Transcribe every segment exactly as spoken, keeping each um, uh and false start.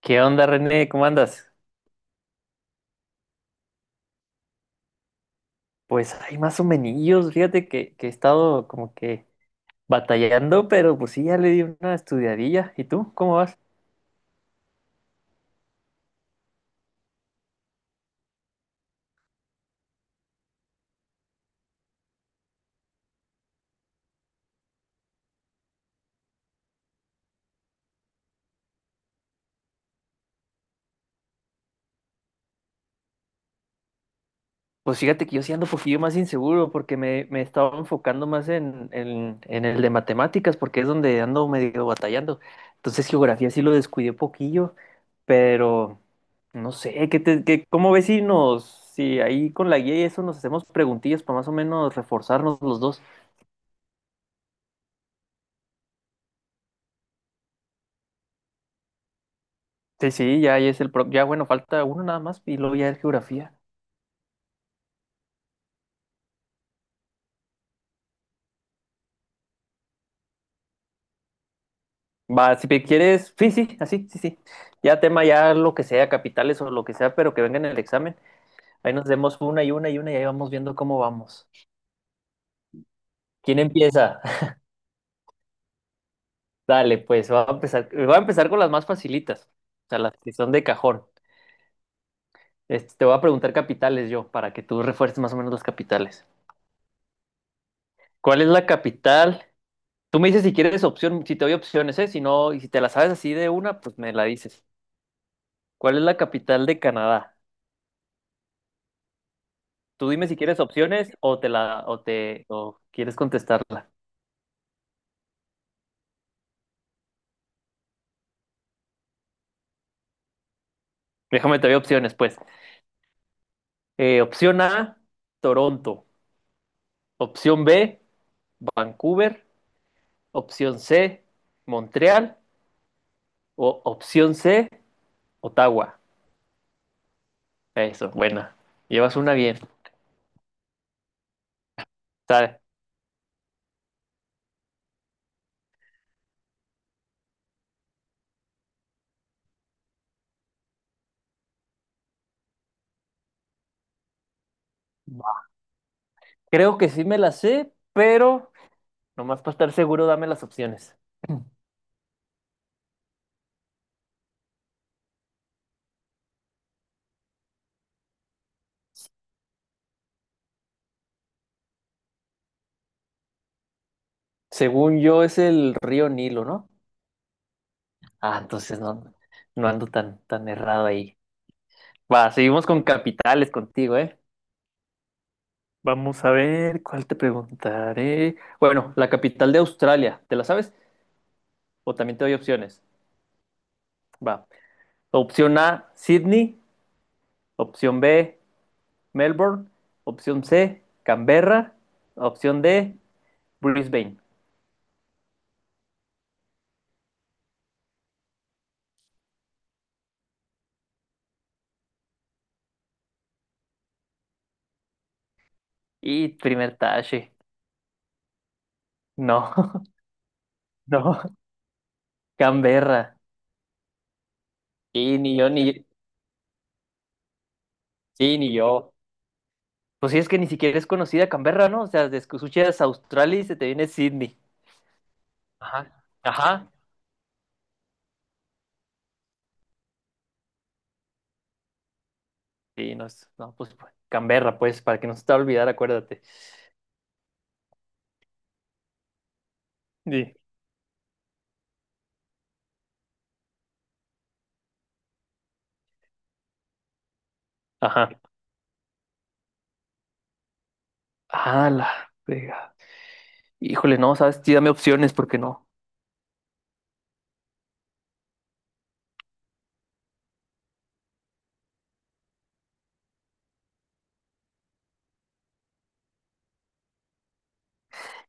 ¿Qué onda, René? ¿Cómo andas? Pues hay más o menos, fíjate que, que he estado como que batallando, pero pues sí, ya le di una estudiadilla. ¿Y tú? ¿Cómo vas? Pues fíjate que yo sí ando un poquillo más inseguro porque me, me estaba enfocando más en, en, en el de matemáticas porque es donde ando medio batallando. Entonces geografía sí lo descuidé poquillo, pero no sé, ¿qué te, qué- cómo ves si nos, si ahí con la guía y eso nos hacemos preguntillas para más o menos reforzarnos los dos? Sí, sí, ya ahí es el pro. Ya bueno, falta uno nada más y luego ya es geografía. Va, si te quieres, sí, sí, así, sí, sí. Ya tema, ya lo que sea, capitales o lo que sea, pero que venga en el examen. Ahí nos demos una y una y una y ahí vamos viendo cómo vamos. ¿Quién empieza? Dale, pues va a empezar, va a empezar con las más facilitas, o sea, las que son de cajón. Este, te voy a preguntar capitales yo, para que tú refuerces más o menos las capitales. ¿Cuál es la capital? Tú me dices si quieres opción, si te doy opciones, ¿eh? Si no, y si te la sabes así de una, pues me la dices. ¿Cuál es la capital de Canadá? Tú dime si quieres opciones o te la o te o quieres contestarla. Déjame te doy opciones, pues. Eh, opción A, Toronto. Opción B, Vancouver. Opción C, Montreal. O opción C, Ottawa. Eso, buena. Llevas una bien. ¿Sabe? Creo que sí me la sé, pero nomás para estar seguro, dame las opciones. Según yo, es el río Nilo, ¿no? Ah, entonces no, no ando tan, tan errado ahí. Va, seguimos con capitales contigo, ¿eh? Vamos a ver, ¿cuál te preguntaré? Bueno, la capital de Australia, ¿te la sabes? O también te doy opciones. Va. Opción A, Sydney. Opción B, Melbourne. Opción C, Canberra. Opción D, Brisbane. Y primer tache. No, no, Canberra. Y ni yo, ni, sí, ni yo. Pues sí, es que ni siquiera es conocida Canberra, ¿no? O sea, desde que escuchas Australia y se te viene Sydney. Ajá, ajá. Sí, no, es- no, pues pues, Canberra, pues, para que no se te va a olvidar, acuérdate. Sí, ajá. Ah, la frega. Híjole, no, sabes, sí, dame opciones, porque no.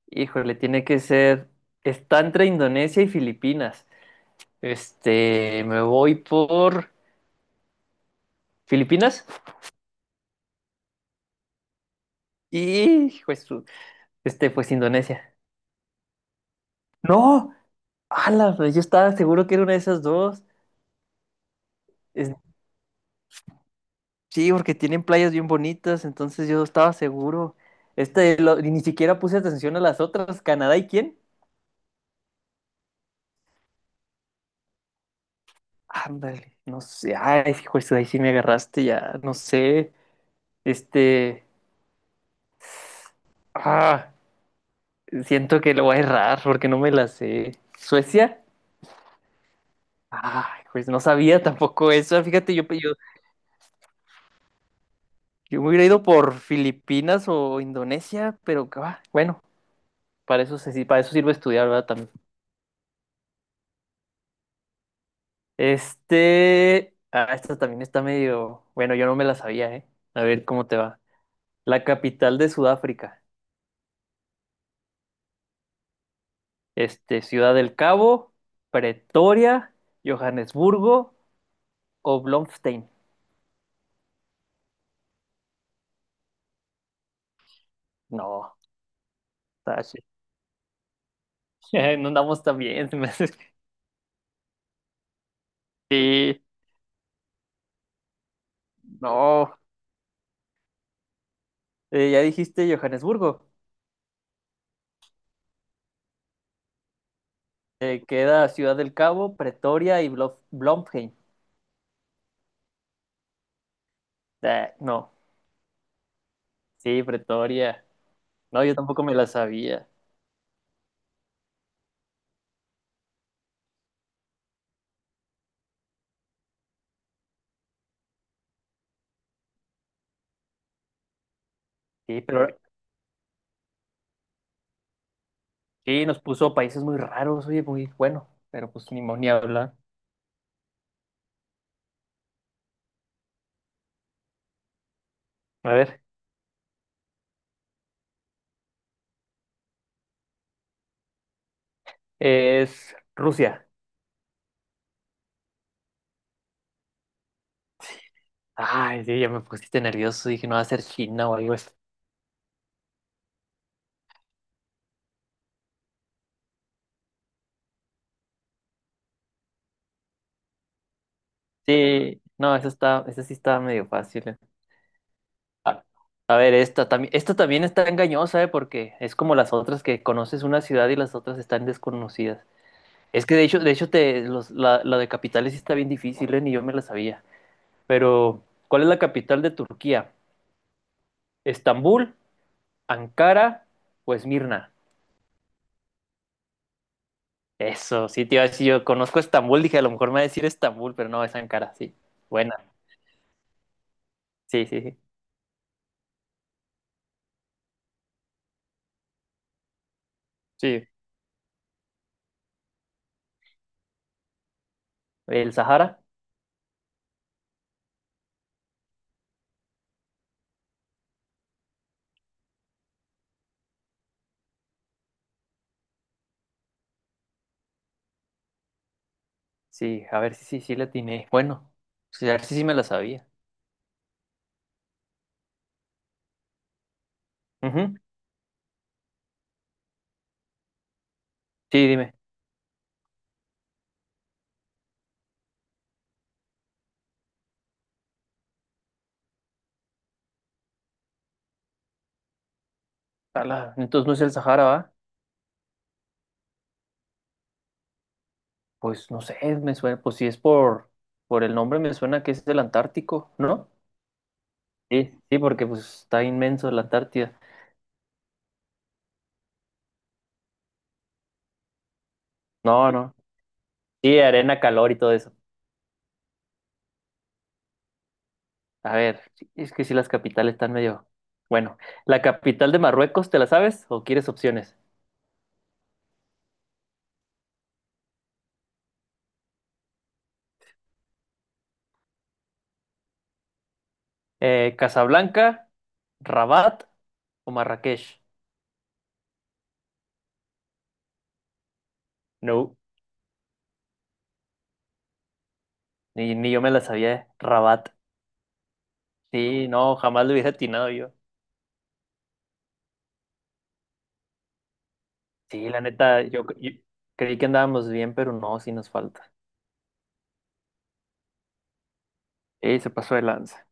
Híjole, tiene que ser. Está entre Indonesia y Filipinas. Este, me voy por Filipinas y pues, su- este, pues Indonesia. No, ala, yo estaba seguro que era una de esas dos. Sí, porque tienen playas bien bonitas, entonces yo estaba seguro. Este, lo- y ni siquiera puse atención a las otras. ¿Canadá y quién? Ándale, no sé. Ay, hijo, eso ahí sí me agarraste ya. No sé. Este. Ah, siento que lo voy a errar porque no me la sé. ¿Suecia? Ay, pues no sabía tampoco eso. Fíjate, yo, yo, yo me hubiera ido por Filipinas o Indonesia, pero ah, bueno, para eso, se- para eso sirve estudiar, ¿verdad? También. Este, ah, esta también está medio, bueno, yo no me la sabía, ¿eh? A ver cómo te va. La capital de Sudáfrica. Este, Ciudad del Cabo, Pretoria, Johannesburgo o Bloemfontein. No, está ch- no andamos tan bien. Se me hace que- Sí, no. Eh, ya dijiste Johannesburgo. Eh, queda Ciudad del Cabo, Pretoria y Blo Bloemfontein. Ah, no, sí, Pretoria. No, yo tampoco me la sabía. Sí, pero. Sí, nos puso países muy raros, oye, muy bueno, pero pues ni mo- ni hablar. A ver, es Rusia. Ay, sí, ya me pusiste nervioso, dije, no va a ser China o algo así. Sí, no, esa está, esa sí estaba medio fácil. eh. A, a ver, esta también, esta también está engañosa, ¿eh? Porque es como las otras que conoces una ciudad y las otras están desconocidas. Es que de hecho, de hecho te, los, la, la de capitales sí está bien difícil, ¿eh? Ni yo me la sabía. Pero, ¿cuál es la capital de Turquía? ¿Estambul, Ankara o Esmirna? Eso, sí, te iba a decir, yo conozco Estambul, dije, a lo mejor me va a decir Estambul, pero no, es Ankara, sí. Buena, sí, sí, sí. Sí, ¿el Sahara? Sí, a ver si sí, sí, sí le atiné. Bueno, sí, a ver si sí me la sabía. Ujú. Sí, dime. Ala, entonces no es el Sahara, ¿va? Pues no sé, me suena, pues si es por, por el nombre me suena que es el Antártico, ¿no? Sí, sí, porque pues está inmenso la Antártida. No, no. Sí, arena, calor y todo eso. A ver, es que si las capitales están medio... Bueno, ¿la capital de Marruecos te la sabes o quieres opciones? Eh, ¿Casablanca, Rabat o Marrakech? No, ni, ni yo me la sabía. eh. Rabat. Sí, no, jamás lo hubiera atinado yo. Sí, la neta, yo, yo creí que andábamos bien, pero no, sí nos falta. Sí, se pasó de lanza.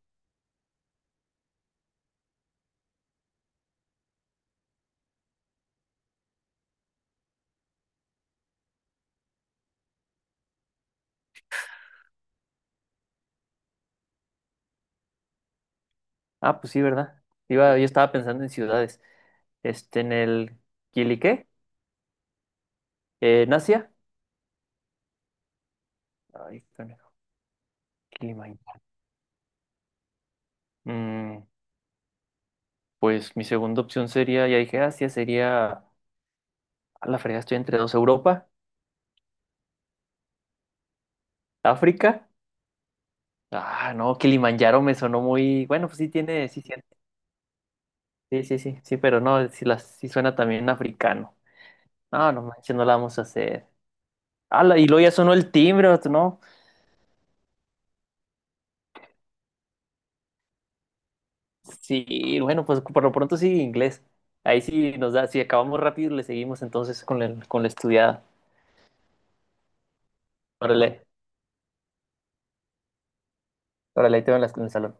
Ah, pues sí, ¿verdad? Iba, yo estaba pensando en ciudades. Este, en el... ¿Quiliqué? Eh, ¿en Asia? Ay, conejo, Kilimanjaro. Mm, Pues mi segunda opción sería, ya dije Asia, sería, a la fregada estoy entre dos, Europa, África. Ah, no, Kilimanjaro me sonó muy, bueno, pues sí tiene, sí, sí, sí, sí, sí, sí, pero no, sí, las, sí suena también africano. No, no manches, no la vamos a hacer. Ah, y luego ya sonó el timbre, vato, ¿no? Sí, bueno, pues por lo pronto sí, inglés. Ahí sí nos da, si acabamos rápido, le seguimos entonces con la, con la estudiada. Órale, órale, ahí te veo en la- en el salón.